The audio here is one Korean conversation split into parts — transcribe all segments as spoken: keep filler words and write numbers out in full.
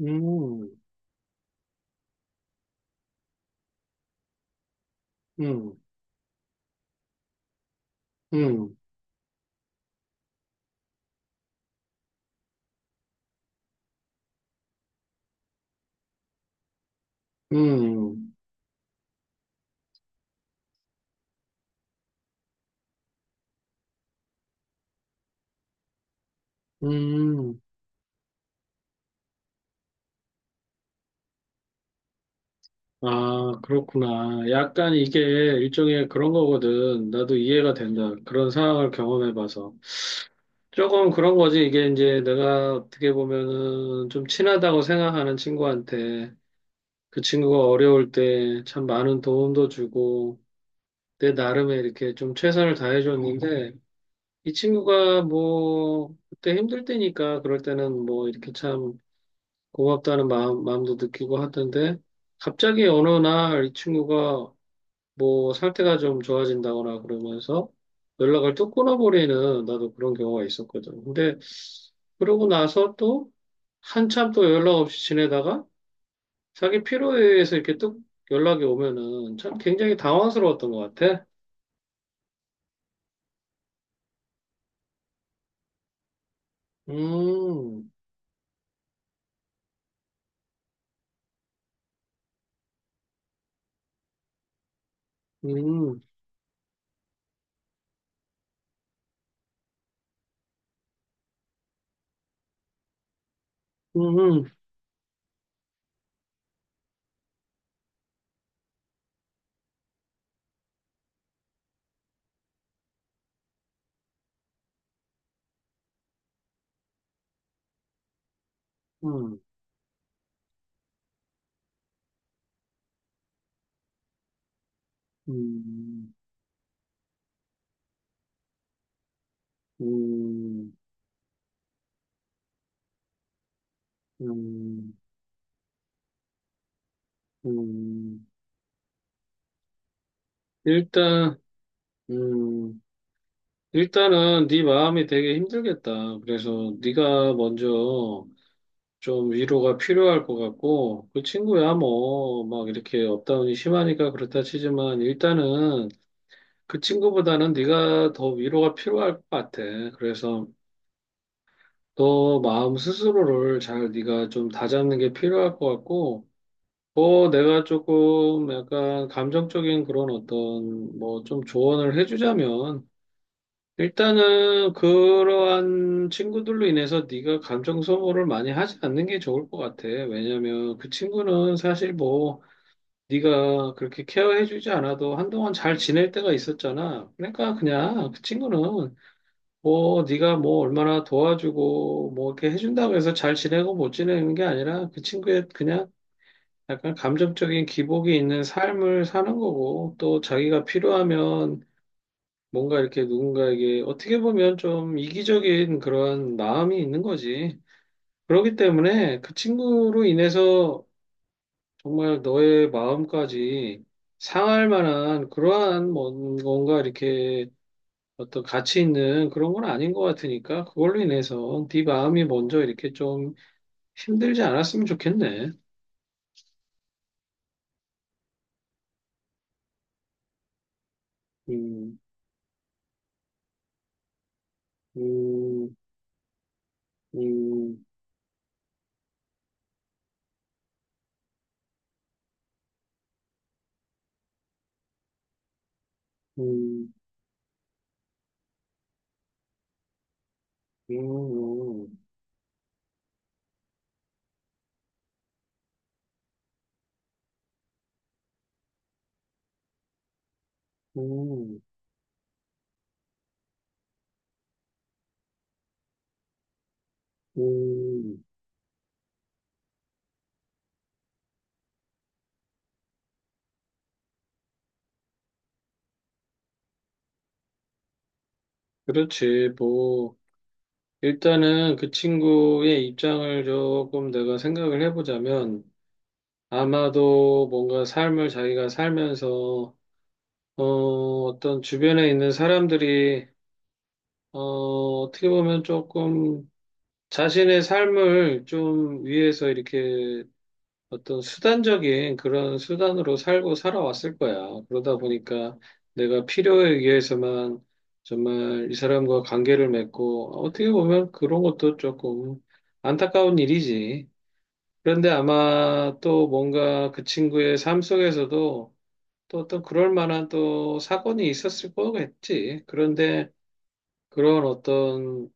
음, 음, 음, 음, 음. 아, 그렇구나. 약간 이게 일종의 그런 거거든. 나도 이해가 된다. 그런 상황을 경험해봐서. 조금 그런 거지. 이게 이제 내가 어떻게 보면은 좀 친하다고 생각하는 친구한테 그 친구가 어려울 때 참 많은 도움도 주고 내 나름의 이렇게 좀 최선을 다해줬는데 이 친구가 뭐 그때 힘들 때니까 그럴 때는 뭐 이렇게 참 고맙다는 마음, 마음도 느끼고 하던데, 갑자기 어느 날 이 친구가 뭐 상태가 좀 좋아진다거나 그러면서 연락을 또 끊어버리는 나도 그런 경우가 있었거든. 근데 그러고 나서 또 한참 또 연락 없이 지내다가 자기 필요에 의해서 이렇게 또 연락이 오면은 참 굉장히 당황스러웠던 것 같아. 음, 음, 음, 음, 음, 음, 음, 음. 음. 일단, 음, 일단은 네 마음이 되게 힘들겠다. 그래서 네가 먼저 좀 위로가 필요할 것 같고 그 친구야 뭐 막 이렇게 업다운이 심하니까 그렇다 치지만 일단은 그 친구보다는 네가 더 위로가 필요할 것 같아. 그래서 너 마음 스스로를 잘 네가 좀 다잡는 게 필요할 것 같고 뭐 내가 조금 약간 감정적인 그런 어떤 뭐 좀 조언을 해주자면 일단은 그러한 친구들로 인해서 네가 감정 소모를 많이 하지 않는 게 좋을 것 같아. 왜냐면 그 친구는 사실 뭐 네가 그렇게 케어해주지 않아도 한동안 잘 지낼 때가 있었잖아. 그러니까 그냥 그 친구는 뭐 네가 뭐 얼마나 도와주고 뭐 이렇게 해준다고 해서 잘 지내고 못 지내는 게 아니라 그 친구의 그냥 약간 감정적인 기복이 있는 삶을 사는 거고 또 자기가 필요하면 뭔가 이렇게 누군가에게 어떻게 보면 좀 이기적인 그런 마음이 있는 거지. 그렇기 때문에 그 친구로 인해서 정말 너의 마음까지 상할 만한 그러한 뭔- 뭔가 이렇게 어떤 가치 있는 그런 건 아닌 것 같으니까 그걸로 인해서 네 마음이 먼저 이렇게 좀 힘들지 않았으면 좋겠네. 음, 음, 음, 음, 음, 음, 음. 음. 그렇지, 뭐. 일단은 그 친구의 입장을 조금 내가 생각을 해보자면 아마도 뭔가 삶을 자기가 살면서 어, 어떤 주변에 있는 사람들이 어, 어떻게 보면 조금 자신의 삶을 좀 위해서 이렇게 어떤 수단적인 그런 수단으로 살고 살아왔을 거야. 그러다 보니까 내가 필요에 의해서만 정말 이 사람과 관계를 맺고 어떻게 보면 그런 것도 조금 안타까운 일이지. 그런데 아마 또 뭔가 그 친구의 삶 속에서도 또 어떤 그럴 만한 또 사건이 있었을 거겠지. 그런데 그런 어떤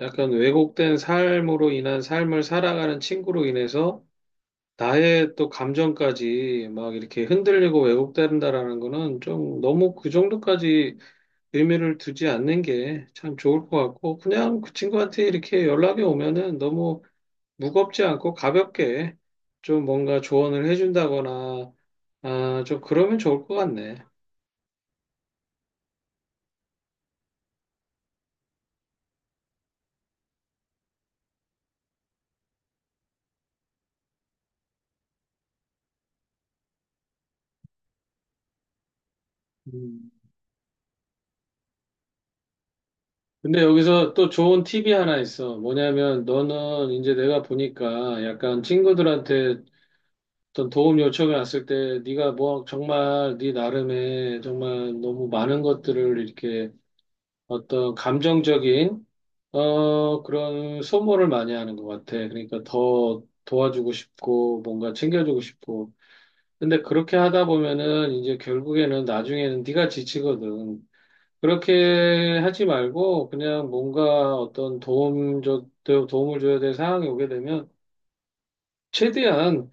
약간 왜곡된 삶으로 인한 삶을 살아가는 친구로 인해서 나의 또 감정까지 막 이렇게 흔들리고 왜곡된다라는 거는 좀 너무 그 정도까지 의미를 두지 않는 게 참 좋을 것 같고 그냥 그 친구한테 이렇게 연락이 오면은 너무 무겁지 않고 가볍게 좀 뭔가 조언을 해준다거나 아, 좀 그러면 좋을 것 같네. 음. 근데 여기서 또 좋은 팁이 하나 있어. 뭐냐면 너는 이제 내가 보니까 약간 친구들한테 어떤 도움 요청이 왔을 때 네가 뭐 정말 네 나름의 정말 너무 많은 것들을 이렇게 어떤 감정적인 어 그런 소모를 많이 하는 것 같아. 그러니까 더 도와주고 싶고 뭔가 챙겨주고 싶고. 근데 그렇게 하다 보면은 이제 결국에는 나중에는 네가 지치거든. 그렇게 하지 말고 그냥 뭔가 어떤 도움적 도움을 줘야 될 상황이 오게 되면 최대한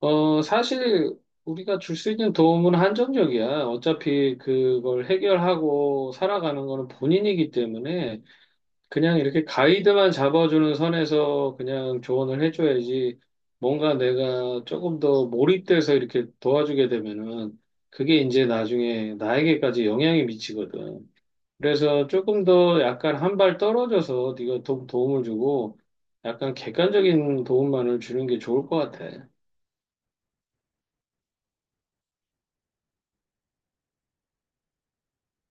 어, 사실 우리가 줄 수 있는 도움은 한정적이야. 어차피 그걸 해결하고 살아가는 거는 본인이기 때문에 그냥 이렇게 가이드만 잡아주는 선에서 그냥 조언을 해줘야지 뭔가 내가 조금 더 몰입돼서 이렇게 도와주게 되면은 그게 이제 나중에 나에게까지 영향이 미치거든. 그래서 조금 더 약간 한 발 떨어져서 네가 도, 도움을 주고 약간 객관적인 도움만을 주는 게 좋을 것 같아.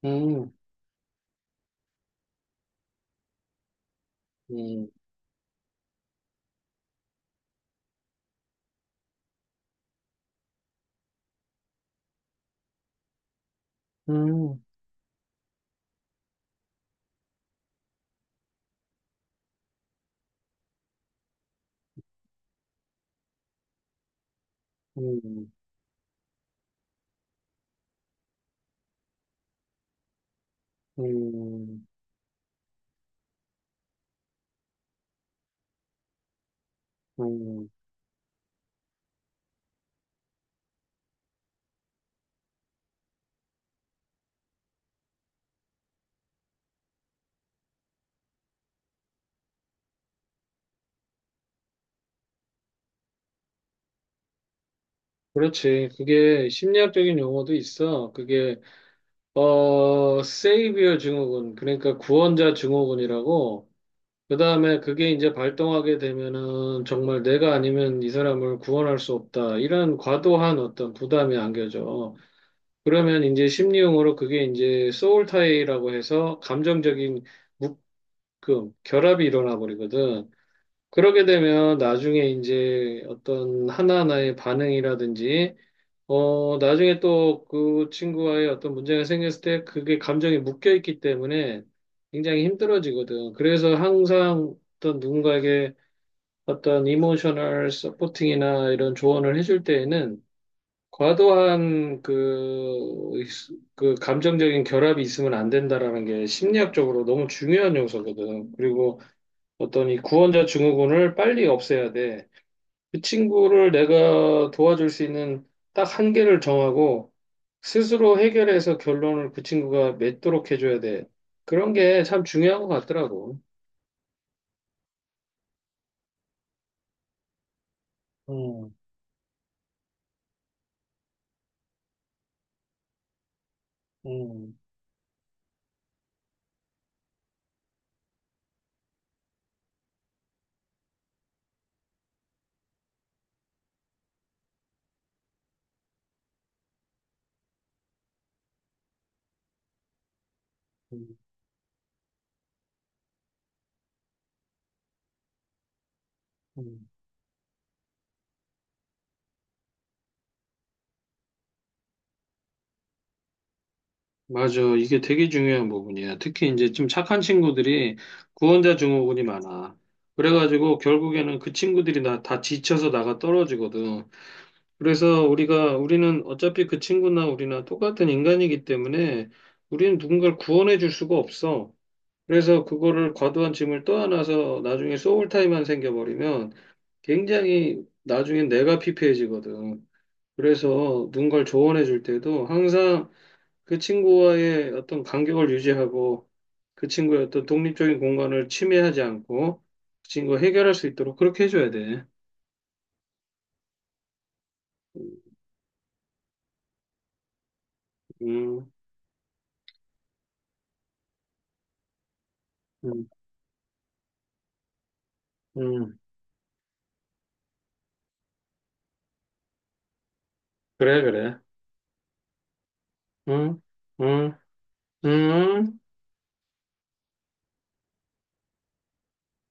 음. 음. 음, 음, 음, 음. 그렇지. 그게 심리학적인 용어도 있어. 그게, 어, 세이비어 증후군, 그러니까 구원자 증후군이라고, 그 다음에 그게 이제 발동하게 되면은 정말 내가 아니면 이 사람을 구원할 수 없다. 이런 과도한 어떤 부담이 안겨져. 그러면 이제 심리용어로 그게 이제 소울타이라고 해서 감정적인 묶음, 결합이 일어나 버리거든. 그러게 되면 나중에 이제 어떤 하나하나의 반응이라든지, 어, 나중에 또 그 친구와의 어떤 문제가 생겼을 때 그게 감정이 묶여 있기 때문에 굉장히 힘들어지거든. 그래서 항상 어떤 누군가에게 어떤 이모셔널 서포팅이나 이런 조언을 해줄 때에는 과도한 그, 그 감정적인 결합이 있으면 안 된다라는 게 심리학적으로 너무 중요한 요소거든. 그리고 어떤 이 구원자 증후군을 빨리 없애야 돼. 그 친구를 내가 도와줄 수 있는 딱 한계를 정하고 스스로 해결해서 결론을 그 친구가 맺도록 해줘야 돼. 그런 게 참 중요한 것 같더라고. 음, 음, 음, 음. 맞아. 이게 되게 중요한 부분이야. 특히 이제 좀 착한 친구들이 구원자 증후군이 많아. 그래가지고 결국에는 그 친구들이 나 다 지쳐서 나가 떨어지거든. 그래서 우리가 우리는 어차피 그 친구나 우리나 똑같은 인간이기 때문에 우리는 누군가를 구원해 줄 수가 없어. 그래서 그거를 과도한 짐을 떠안아서 나중에 소울타이만 생겨버리면 굉장히 나중엔 내가 피폐해지거든. 그래서 누군가를 조언해 줄 때도 항상 그 친구와의 어떤 간격을 유지하고 그 친구의 어떤 독립적인 공간을 침해하지 않고 그 친구가 해결할 수 있도록 그렇게 해줘야 돼. 음, 음, 음. 그래, 그래. 응, 응, 응.